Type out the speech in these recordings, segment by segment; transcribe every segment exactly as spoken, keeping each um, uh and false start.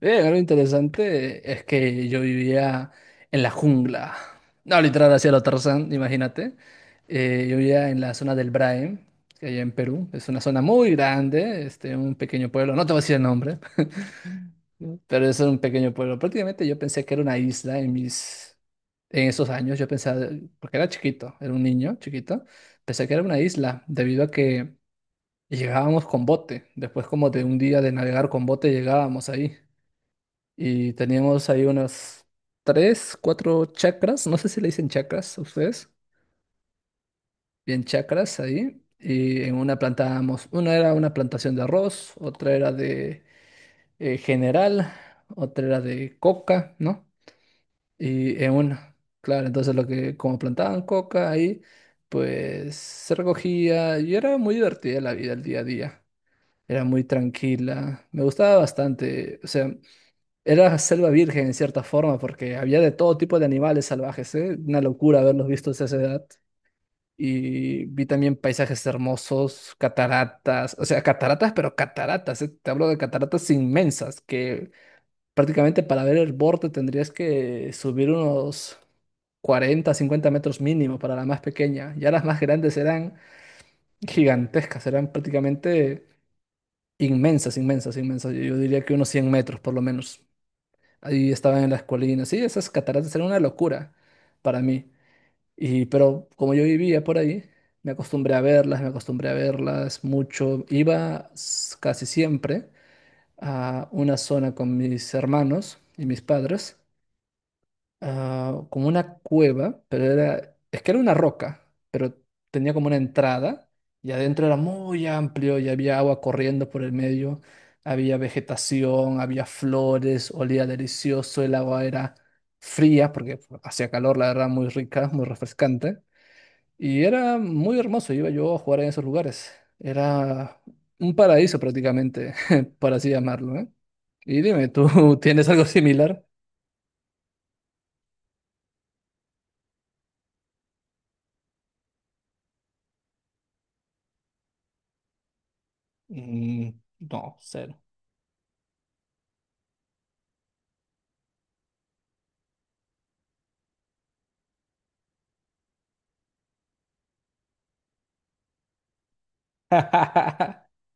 Eh, algo interesante es que yo vivía en la jungla. No, literal, hacia lo Tarzán, imagínate. Eh, yo vivía en la zona del Braem, que allá en Perú. Es una zona muy grande, este, un pequeño pueblo. No te voy a decir el nombre, pero es un pequeño pueblo. Prácticamente yo pensé que era una isla en mis, en esos años. Yo pensaba, porque era chiquito, era un niño chiquito, pensé que era una isla, debido a que llegábamos con bote. Después como de un día de navegar con bote llegábamos ahí. Y teníamos ahí unas tres, cuatro chakras, no sé si le dicen chakras a ustedes, bien chakras ahí. Y en una plantábamos, una era una plantación de arroz, otra era de eh, general, otra era de coca, ¿no? Y en una, claro, entonces lo que, como plantaban coca ahí, pues se recogía y era muy divertida la vida, el día a día. Era muy tranquila, me gustaba bastante, o sea. Era selva virgen en cierta forma, porque había de todo tipo de animales salvajes, ¿eh? Una locura haberlos visto a esa edad. Y vi también paisajes hermosos, cataratas, o sea, cataratas, pero cataratas, ¿eh? Te hablo de cataratas inmensas, que prácticamente para ver el borde tendrías que subir unos cuarenta cincuenta metros mínimo para la más pequeña. Ya las más grandes eran gigantescas, eran prácticamente inmensas, inmensas, inmensas. Yo diría que unos cien metros por lo menos. Ahí estaban en las colinas. Sí, esas cataratas eran una locura para mí. Y, pero como yo vivía por ahí, me acostumbré a verlas, me acostumbré a verlas mucho. Iba s- casi siempre a una zona con mis hermanos y mis padres, ah, como una cueva, pero era, es que era una roca, pero tenía como una entrada y adentro era muy amplio y había agua corriendo por el medio, había vegetación, había flores, olía delicioso, el agua era fría porque hacía calor, la verdad, muy rica, muy refrescante y era muy hermoso, iba yo a jugar en esos lugares, era un paraíso prácticamente, por así llamarlo, ¿eh? Y dime, ¿tú tienes algo similar? Mm, no, sé.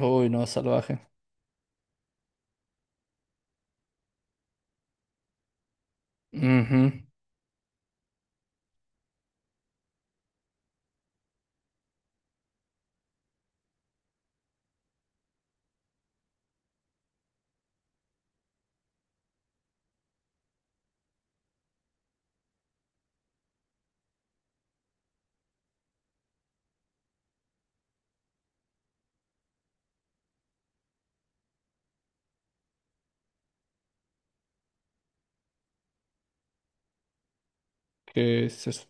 Uy, no, salvaje. Ujú. ¿Qué es eso?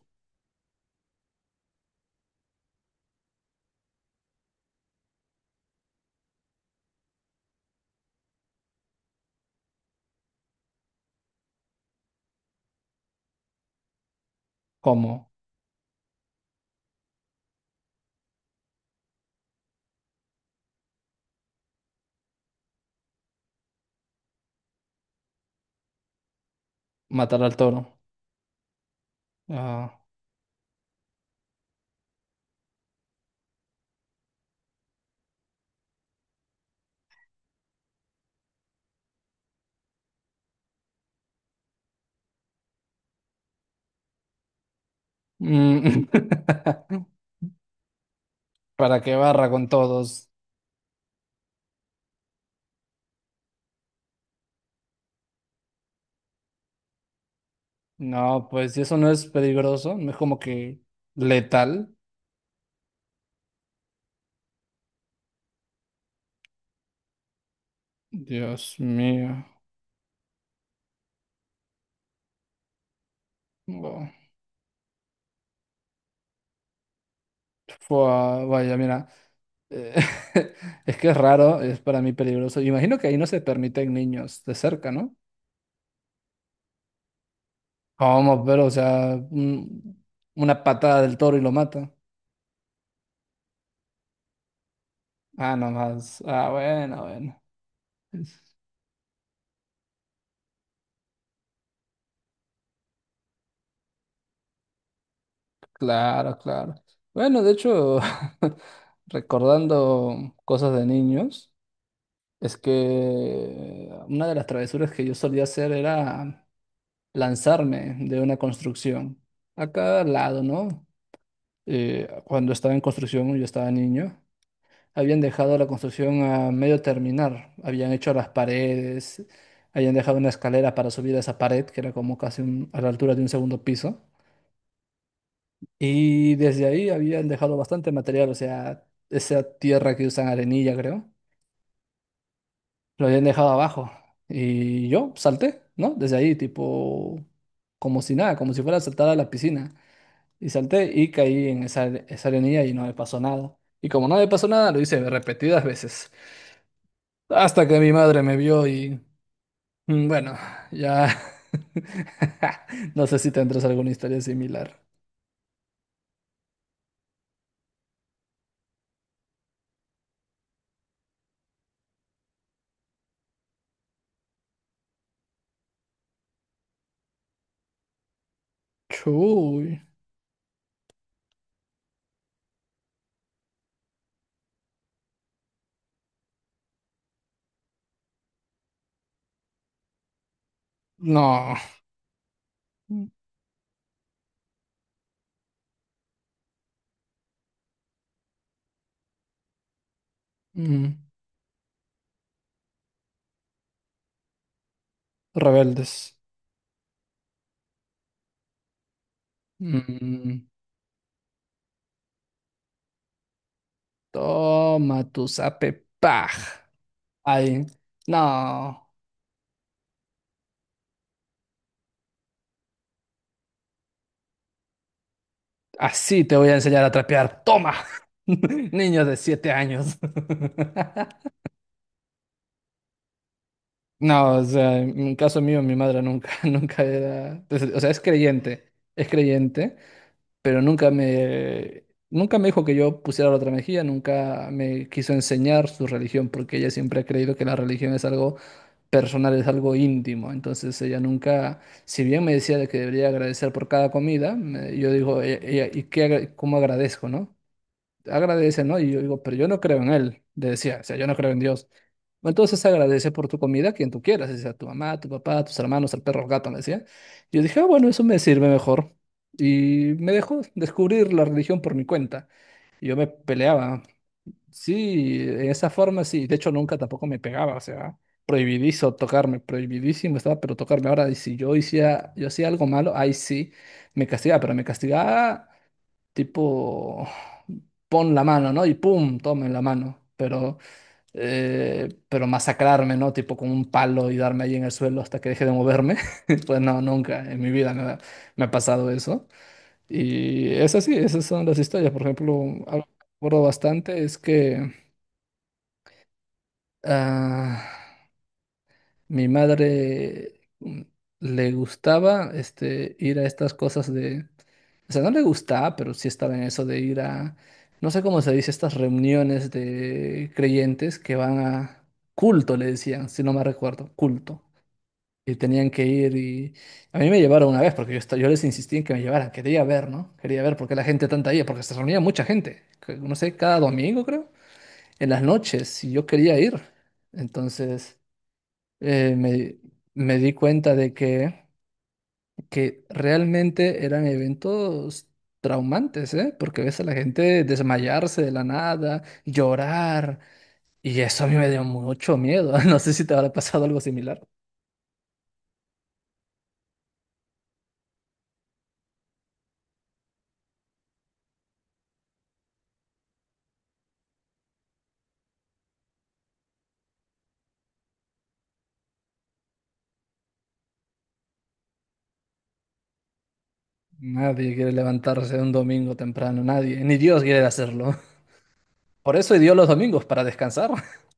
¿Cómo? Matar al toro. Ah. Mm. ¿Para qué barra con todos? No, pues si eso no es peligroso, no es como que letal. Dios mío. Buah. Fua, vaya, mira. eh, es que es raro, es para mí peligroso. Imagino que ahí no se permiten niños de cerca, ¿no? ¿Cómo? Pero, o sea, un- una patada del toro y lo mata. Ah, nomás. Ah, bueno, bueno. Es- Claro, claro. Bueno, de hecho, recordando cosas de niños, es que una de las travesuras que yo solía hacer era lanzarme de una construcción. A cada lado, ¿no? Eh, cuando estaba en construcción, yo estaba niño, habían dejado la construcción a medio terminar. Habían hecho las paredes, habían dejado una escalera para subir a esa pared, que era como casi un- a la altura de un segundo piso. Y desde ahí habían dejado bastante material, o sea, esa tierra que usan arenilla, creo, lo habían dejado abajo. Y yo salté, ¿no? Desde ahí, tipo, como si nada, como si fuera a saltar a la piscina. Y salté y caí en esa, esa arenilla y no me pasó nada. Y como no me pasó nada, lo hice repetidas veces. Hasta que mi madre me vio y, mm, bueno, ya... No sé si tendrás alguna historia similar. Chuy. No. Mm. Mm. Rebeldes. Mm, toma tu zape paj. Ay, no. Así te voy a enseñar a trapear. Toma. Niños de siete años. No, o sea, en en caso mío, mi madre nunca, nunca era, pues, o sea, es creyente, es creyente, pero nunca me, nunca me dijo que yo pusiera la otra mejilla, nunca me quiso enseñar su religión, porque ella siempre ha creído que la religión es algo personal, es algo íntimo. Entonces ella nunca, si bien me decía de que debería agradecer por cada comida, me- yo digo, "E- ella, ¿y qué, agra- cómo agradezco, no? Agradece, ¿no? Y yo digo, pero yo no creo en él, le decía, o sea, yo no creo en Dios. Entonces agradece por tu comida a quien tú quieras, sea tu mamá, tu papá, tus hermanos, el perro, el gato, me decía. Yo dije, ah, bueno, eso me sirve mejor. Y me dejó descubrir la religión por mi cuenta. Y yo me peleaba. Sí, de esa forma sí. De hecho, nunca tampoco me pegaba, o sea, prohibidizo tocarme, prohibidísimo estaba, pero tocarme. Ahora, y si yo hacía, yo hacía algo malo, ahí sí me castigaba, pero me castigaba tipo, pon la mano, ¿no? Y pum, toma en la mano. Pero, eh, pero masacrarme, ¿no? Tipo con un palo y darme ahí en el suelo hasta que deje de moverme. Pues no, nunca en mi vida me ha, me ha pasado eso. Y es así, esas son las historias. Por ejemplo, algo que recuerdo bastante es que, ah, mi madre, mm, le gustaba este, ir a estas cosas de... O sea, no le gustaba, pero sí estaba en eso de ir a... No sé cómo se dice, estas reuniones de creyentes que van a culto, le decían, si no me recuerdo, culto. Y tenían que ir y... A mí me llevaron una vez porque yo, esta- yo les insistí en que me llevaran. Quería ver, ¿no? Quería ver por qué la gente tanta iba, porque se reunía mucha gente. Que- No sé, cada domingo creo. En las noches, y yo quería ir. Entonces eh, me, me di cuenta de que, que realmente eran eventos traumantes, ¿eh? Porque ves a la gente desmayarse de la nada, llorar, y eso a mí me dio mucho miedo. No sé si te habrá pasado algo similar. Nadie quiere levantarse un domingo temprano, nadie, ni Dios quiere hacerlo. Por eso dio los domingos, para descansar.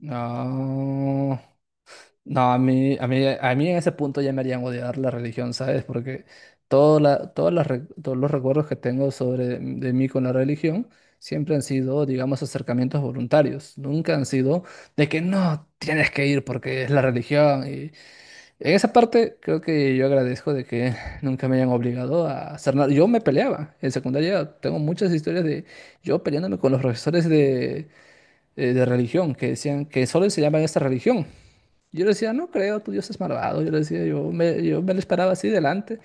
No. No, a mí, a mí, a mí en ese punto ya me harían odiar la religión, ¿sabes? Porque todo la- todas las re- todos los recuerdos que tengo sobre de mí con la religión siempre han sido, digamos, acercamientos voluntarios. Nunca han sido de que no tienes que ir porque es la religión. Y en esa parte creo que yo agradezco de que nunca me hayan obligado a hacer nada. Yo me peleaba en secundaria. Tengo muchas historias de yo peleándome con los profesores de, eh, de religión que decían que solo enseñaban esta religión. Yo le decía, no creo, tu Dios es malvado. Yo le decía, yo me, yo me lo esperaba así delante.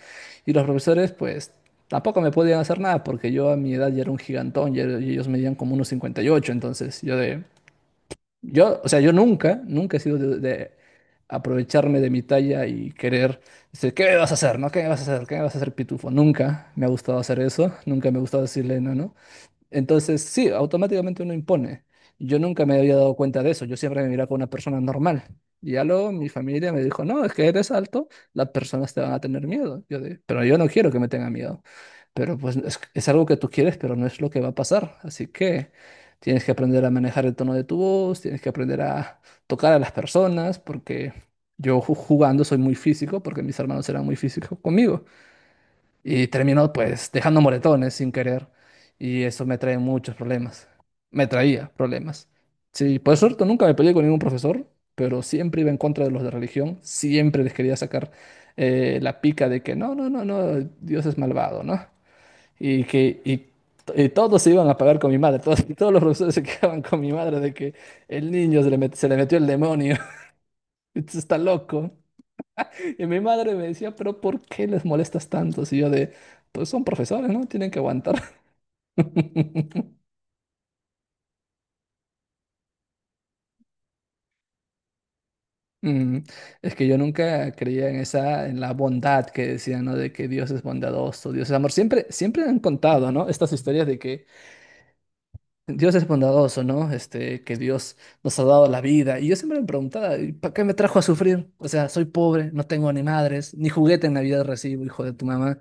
Y los profesores, pues, tampoco me podían hacer nada porque yo a mi edad ya era un gigantón ya- y ellos medían como unos cincuenta y ocho. Entonces, yo de. Yo, o sea, yo nunca, nunca he sido de, de aprovecharme de mi talla y querer decir, ¿qué me vas a hacer? ¿No? ¿Qué me vas a hacer? ¿Qué me vas a hacer, pitufo? Nunca me ha gustado hacer eso. Nunca me ha gustado decirle, no, no. Entonces, sí, automáticamente uno impone. Yo nunca me había dado cuenta de eso. Yo siempre me miraba como una persona normal. Y ya luego mi familia me dijo, no, es que eres alto, las personas te van a tener miedo. Yo de, pero yo no quiero que me tengan miedo. Pero pues es, es algo que tú quieres, pero no es lo que va a pasar. Así que tienes que aprender a manejar el tono de tu voz, tienes que aprender a tocar a las personas, porque yo ju- jugando soy muy físico, porque mis hermanos eran muy físicos conmigo y termino pues dejando moretones sin querer y eso me trae muchos problemas. Me traía problemas. Sí, por suerte nunca me peleé con ningún profesor, pero siempre iba en contra de los de religión, siempre les quería sacar eh, la pica de que no, no, no, no, Dios es malvado, ¿no? Y que y, y todos se iban a pagar con mi madre, todos, todos los profesores se quedaban con mi madre de que el niño se le, met- se le metió el demonio, está loco. Y mi madre me decía, pero ¿por qué les molestas tanto? Y yo de, pues son profesores, ¿no? Tienen que aguantar. Mm, Es que yo nunca creía en esa, en la bondad que decían, ¿no? De que Dios es bondadoso, Dios es amor. Siempre, siempre han contado, ¿no? Estas historias de que Dios es bondadoso, ¿no? Este, que Dios nos ha dado la vida. Y yo siempre me preguntaba, ¿y para qué me trajo a sufrir? O sea, soy pobre, no tengo ni madres, ni juguete en Navidad recibo, hijo de tu mamá.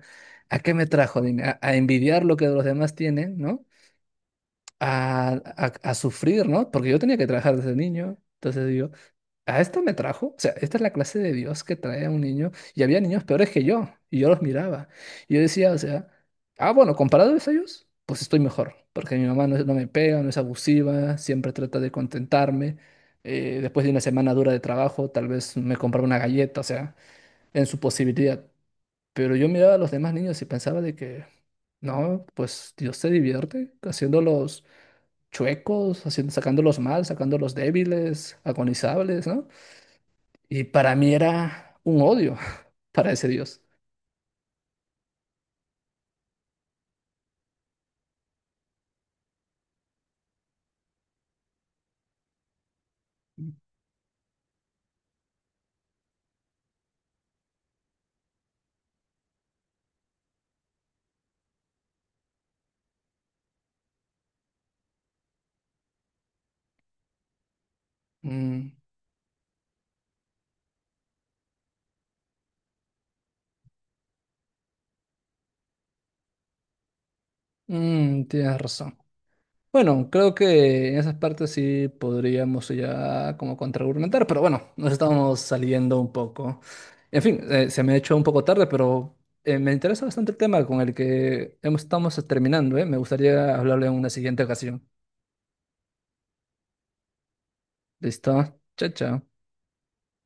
¿A qué me trajo? Dime, a a envidiar lo que los demás tienen, ¿no? a, a- a sufrir, ¿no? Porque yo tenía que trabajar desde niño. Entonces digo, ¿a esto me trajo? O sea, esta es la clase de Dios que trae a un niño. Y había niños peores que yo. Y yo los miraba. Y yo decía, o sea, ah, bueno, comparado a ellos, pues estoy mejor. Porque mi mamá no, es- no me pega, no es abusiva, siempre trata de contentarme. Eh, después de una semana dura de trabajo, tal vez me compraba una galleta, o sea, en su posibilidad. Pero yo miraba a los demás niños y pensaba de que, no, pues Dios se divierte haciéndolos chuecos, haciendo, sacándolos mal, sacándolos débiles, agonizables, ¿no? Y para mí era un odio para ese Dios. Mm, mm, Tienes razón. Bueno, creo que en esas partes sí podríamos ya como contraargumentar, pero bueno, nos estamos saliendo un poco. En fin, eh, se me ha hecho un poco tarde, pero eh, me interesa bastante el tema con el que hemos- estamos terminando, ¿eh? Me gustaría hablarle en una siguiente ocasión. ¿Listo? Chao, chao.